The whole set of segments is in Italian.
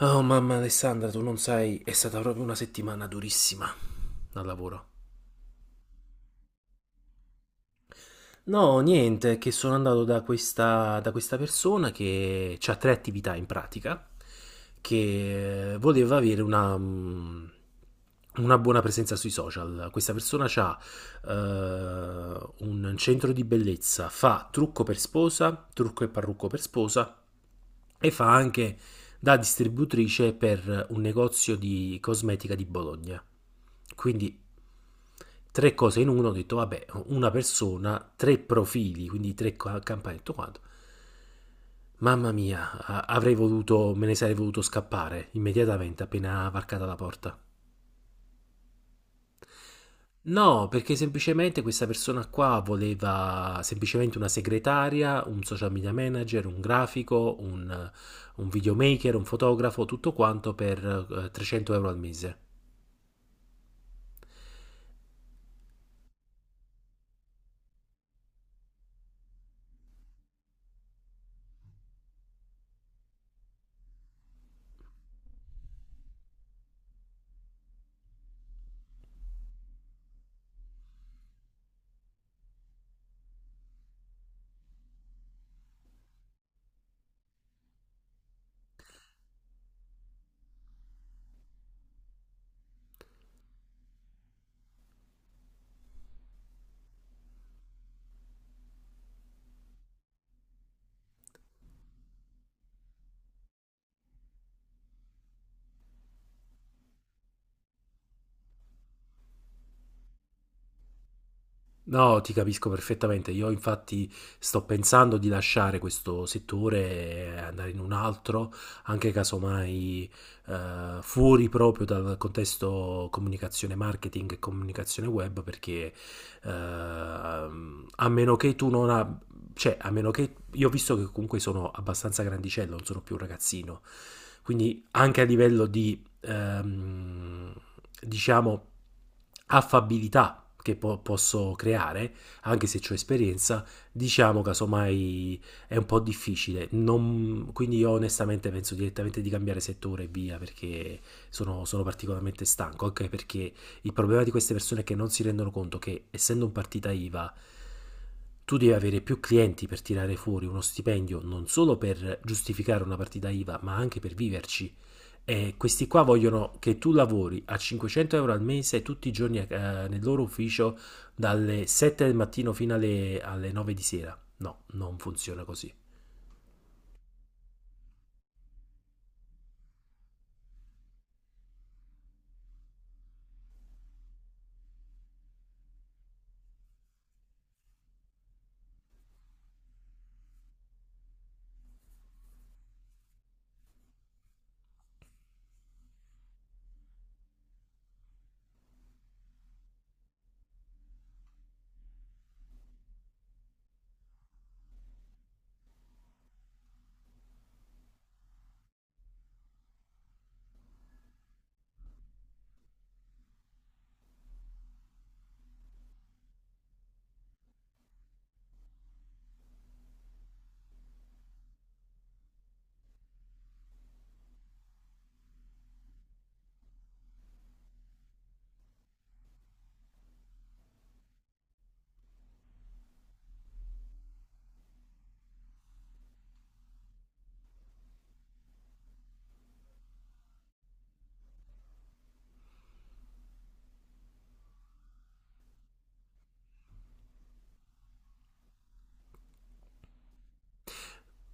Oh mamma Alessandra, tu non sai, è stata proprio una settimana durissima al lavoro. No, niente, che sono andato da questa persona che ha tre attività in pratica, che voleva avere una, una buona presenza sui social. Questa persona ha un centro di bellezza, fa trucco per sposa, trucco e parrucco per sposa e fa anche da distributrice per un negozio di cosmetica di Bologna. Quindi tre cose in uno, ho detto vabbè, una persona, tre profili, quindi tre campane, tutto quanto. Mamma mia, avrei voluto, me ne sarei voluto scappare immediatamente appena varcata la porta. No, perché semplicemente questa persona qua voleva semplicemente una segretaria, un social media manager, un grafico, un videomaker, un fotografo, tutto quanto per 300 euro al mese. No, ti capisco perfettamente. Io infatti sto pensando di lasciare questo settore e andare in un altro, anche casomai fuori proprio dal contesto comunicazione marketing e comunicazione web, perché a meno che tu non abbia, cioè a meno che io ho visto che comunque sono abbastanza grandicello, non sono più un ragazzino. Quindi anche a livello di ehm, diciamo, affabilità che posso creare, anche se ho esperienza, diciamo casomai è un po' difficile. Quindi io onestamente penso direttamente di cambiare settore e via perché sono particolarmente stanco, anche perché il problema di queste persone è che non si rendono conto che essendo un partita IVA tu devi avere più clienti per tirare fuori uno stipendio non solo per giustificare una partita IVA, ma anche per viverci. E questi qua vogliono che tu lavori a 500 euro al mese tutti i giorni nel loro ufficio dalle 7 del mattino fino alle 9 di sera. No, non funziona così.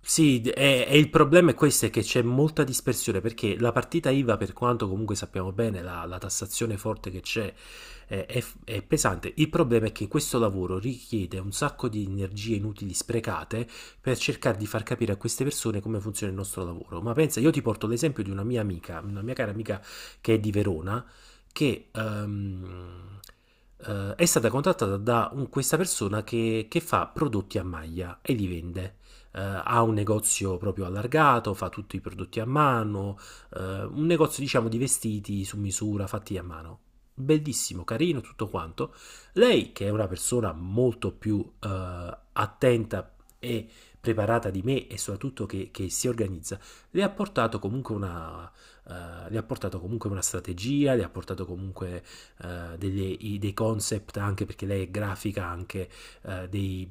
Sì, e il problema è questo, è che c'è molta dispersione, perché la partita IVA, per quanto comunque sappiamo bene, la tassazione forte che c'è è pesante. Il problema è che questo lavoro richiede un sacco di energie inutili sprecate per cercare di far capire a queste persone come funziona il nostro lavoro. Ma pensa, io ti porto l'esempio di una mia amica, una mia cara amica che è di Verona, che è stata contattata da questa persona che fa prodotti a maglia e li vende ha un negozio proprio allargato, fa tutti i prodotti a mano, un negozio diciamo di vestiti su misura fatti a mano. Bellissimo, carino, tutto quanto. Lei, che è una persona molto più attenta e preparata di me e soprattutto che si organizza, le ha portato comunque le ha portato comunque una strategia, le ha portato comunque dei concept anche perché lei è grafica anche eh, dei,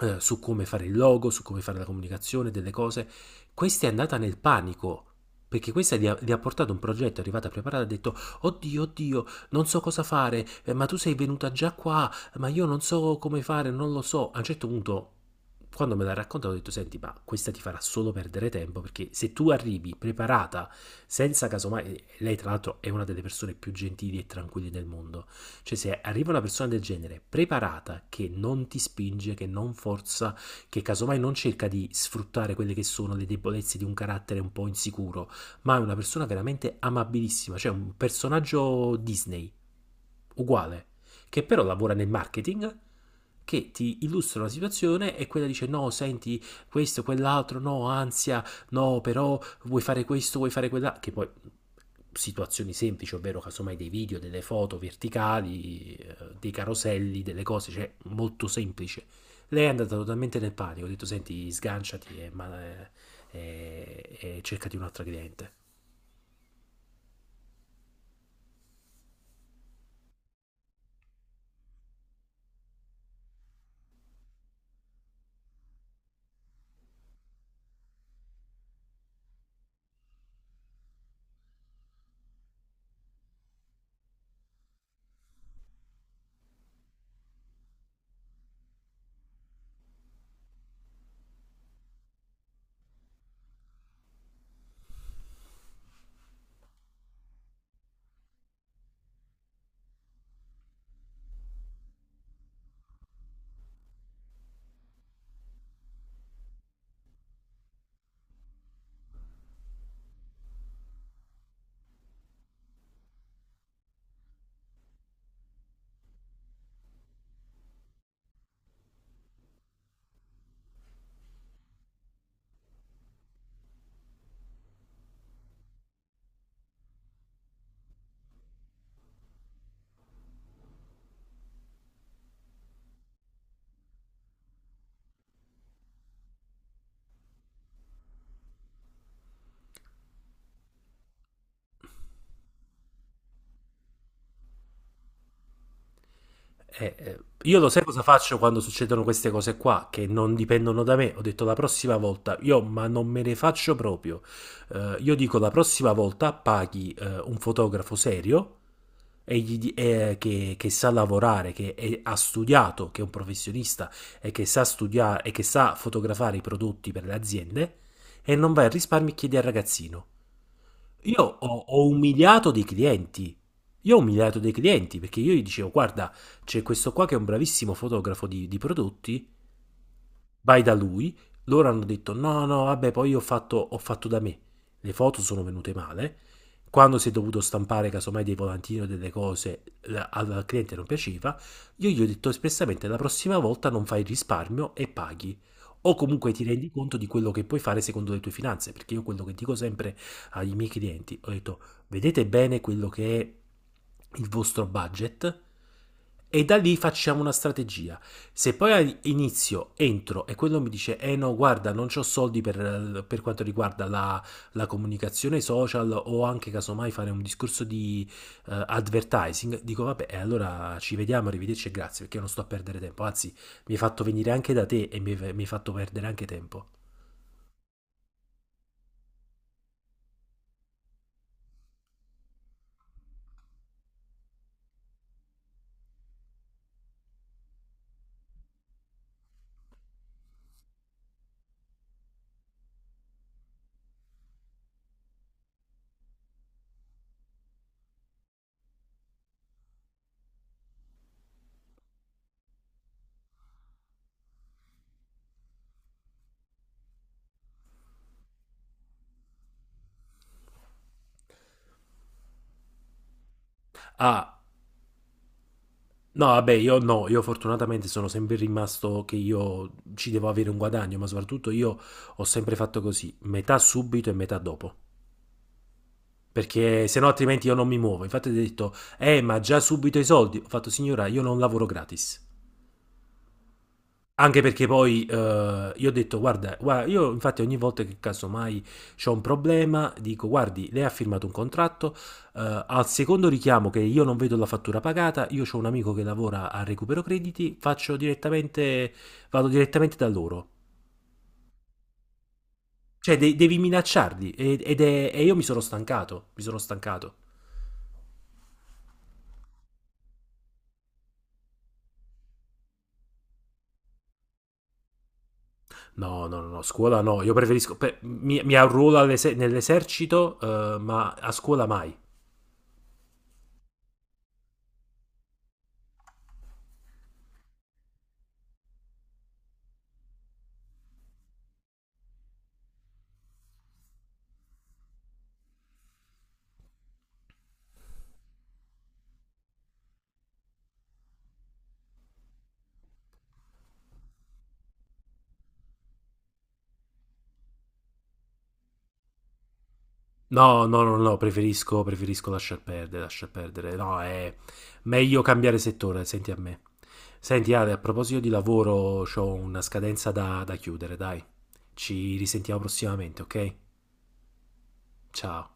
su come fare il logo, su come fare la comunicazione, delle cose. Questa è andata nel panico. Perché gli ha portato un progetto, è arrivata preparata, ha detto, oddio, oddio, non so cosa fare, ma tu sei venuta già qua, ma io non so come fare, non lo so. A un certo punto quando me l'ha raccontato ho detto senti ma questa ti farà solo perdere tempo perché se tu arrivi preparata senza casomai, lei tra l'altro è una delle persone più gentili e tranquille del mondo, cioè, se arriva una persona del genere preparata, che non ti spinge, che non forza, che casomai non cerca di sfruttare quelle che sono le debolezze di un carattere un po' insicuro, ma è una persona veramente amabilissima, cioè un personaggio Disney, uguale, che però lavora nel marketing, che ti illustra una situazione e quella dice no, senti, questo, quell'altro, no, ansia, no, però vuoi fare questo, vuoi fare quella, che poi situazioni semplici, ovvero casomai dei video, delle foto verticali, dei caroselli, delle cose, cioè molto semplice. Lei è andata totalmente nel panico, ho detto senti sganciati e cercati un'altra cliente. Io lo sai cosa faccio quando succedono queste cose qua che non dipendono da me. Ho detto la prossima volta, io ma non me ne faccio proprio. Io dico la prossima volta paghi un fotografo serio e che sa lavorare, che ha studiato, che è un professionista e che sa studiare e che sa fotografare i prodotti per le aziende e non vai a risparmi e chiedi al ragazzino. Ho umiliato dei clienti. Io ho umiliato dei clienti perché io gli dicevo: guarda, c'è questo qua che è un bravissimo fotografo di prodotti. Vai da lui, loro hanno detto no, no, vabbè, poi ho fatto da me. Le foto sono venute male. Quando si è dovuto stampare casomai dei volantini o delle cose al al cliente non piaceva, io gli ho detto espressamente la prossima volta non fai risparmio e paghi. O comunque ti rendi conto di quello che puoi fare secondo le tue finanze, perché io quello che dico sempre ai miei clienti, ho detto vedete bene quello che è il vostro budget e da lì facciamo una strategia. Se poi inizio, entro e quello mi dice, eh no, guarda, non ho soldi per quanto riguarda la comunicazione social o anche casomai fare un discorso di advertising, dico vabbè, e allora ci vediamo, arrivederci e grazie, perché io non sto a perdere tempo, anzi mi hai fatto venire anche da te e mi hai fatto perdere anche tempo. Ah, no, vabbè, io no, io fortunatamente sono sempre rimasto che io ci devo avere un guadagno, ma soprattutto io ho sempre fatto così, metà subito e metà dopo. Perché se no altrimenti io non mi muovo. Infatti ho detto, ma già subito i soldi. Ho fatto, signora, io non lavoro gratis. Anche perché poi io ho detto, guarda, guarda, io infatti ogni volta che casomai c'ho un problema, dico, guardi, lei ha firmato un contratto, al secondo richiamo che io non vedo la fattura pagata, io ho un amico che lavora a recupero crediti, faccio direttamente, vado direttamente da loro. Cioè, devi minacciarli e io mi sono stancato, mi sono stancato. No, no, no, no, scuola no, io preferisco, mi arruolo nell'esercito, ma a scuola mai. No, no, no, no, preferisco, preferisco lasciar perdere, lasciar perdere. No, è meglio cambiare settore, senti a me. Senti Ale, a proposito di lavoro, ho una scadenza da chiudere, dai. Ci risentiamo prossimamente, ok? Ciao.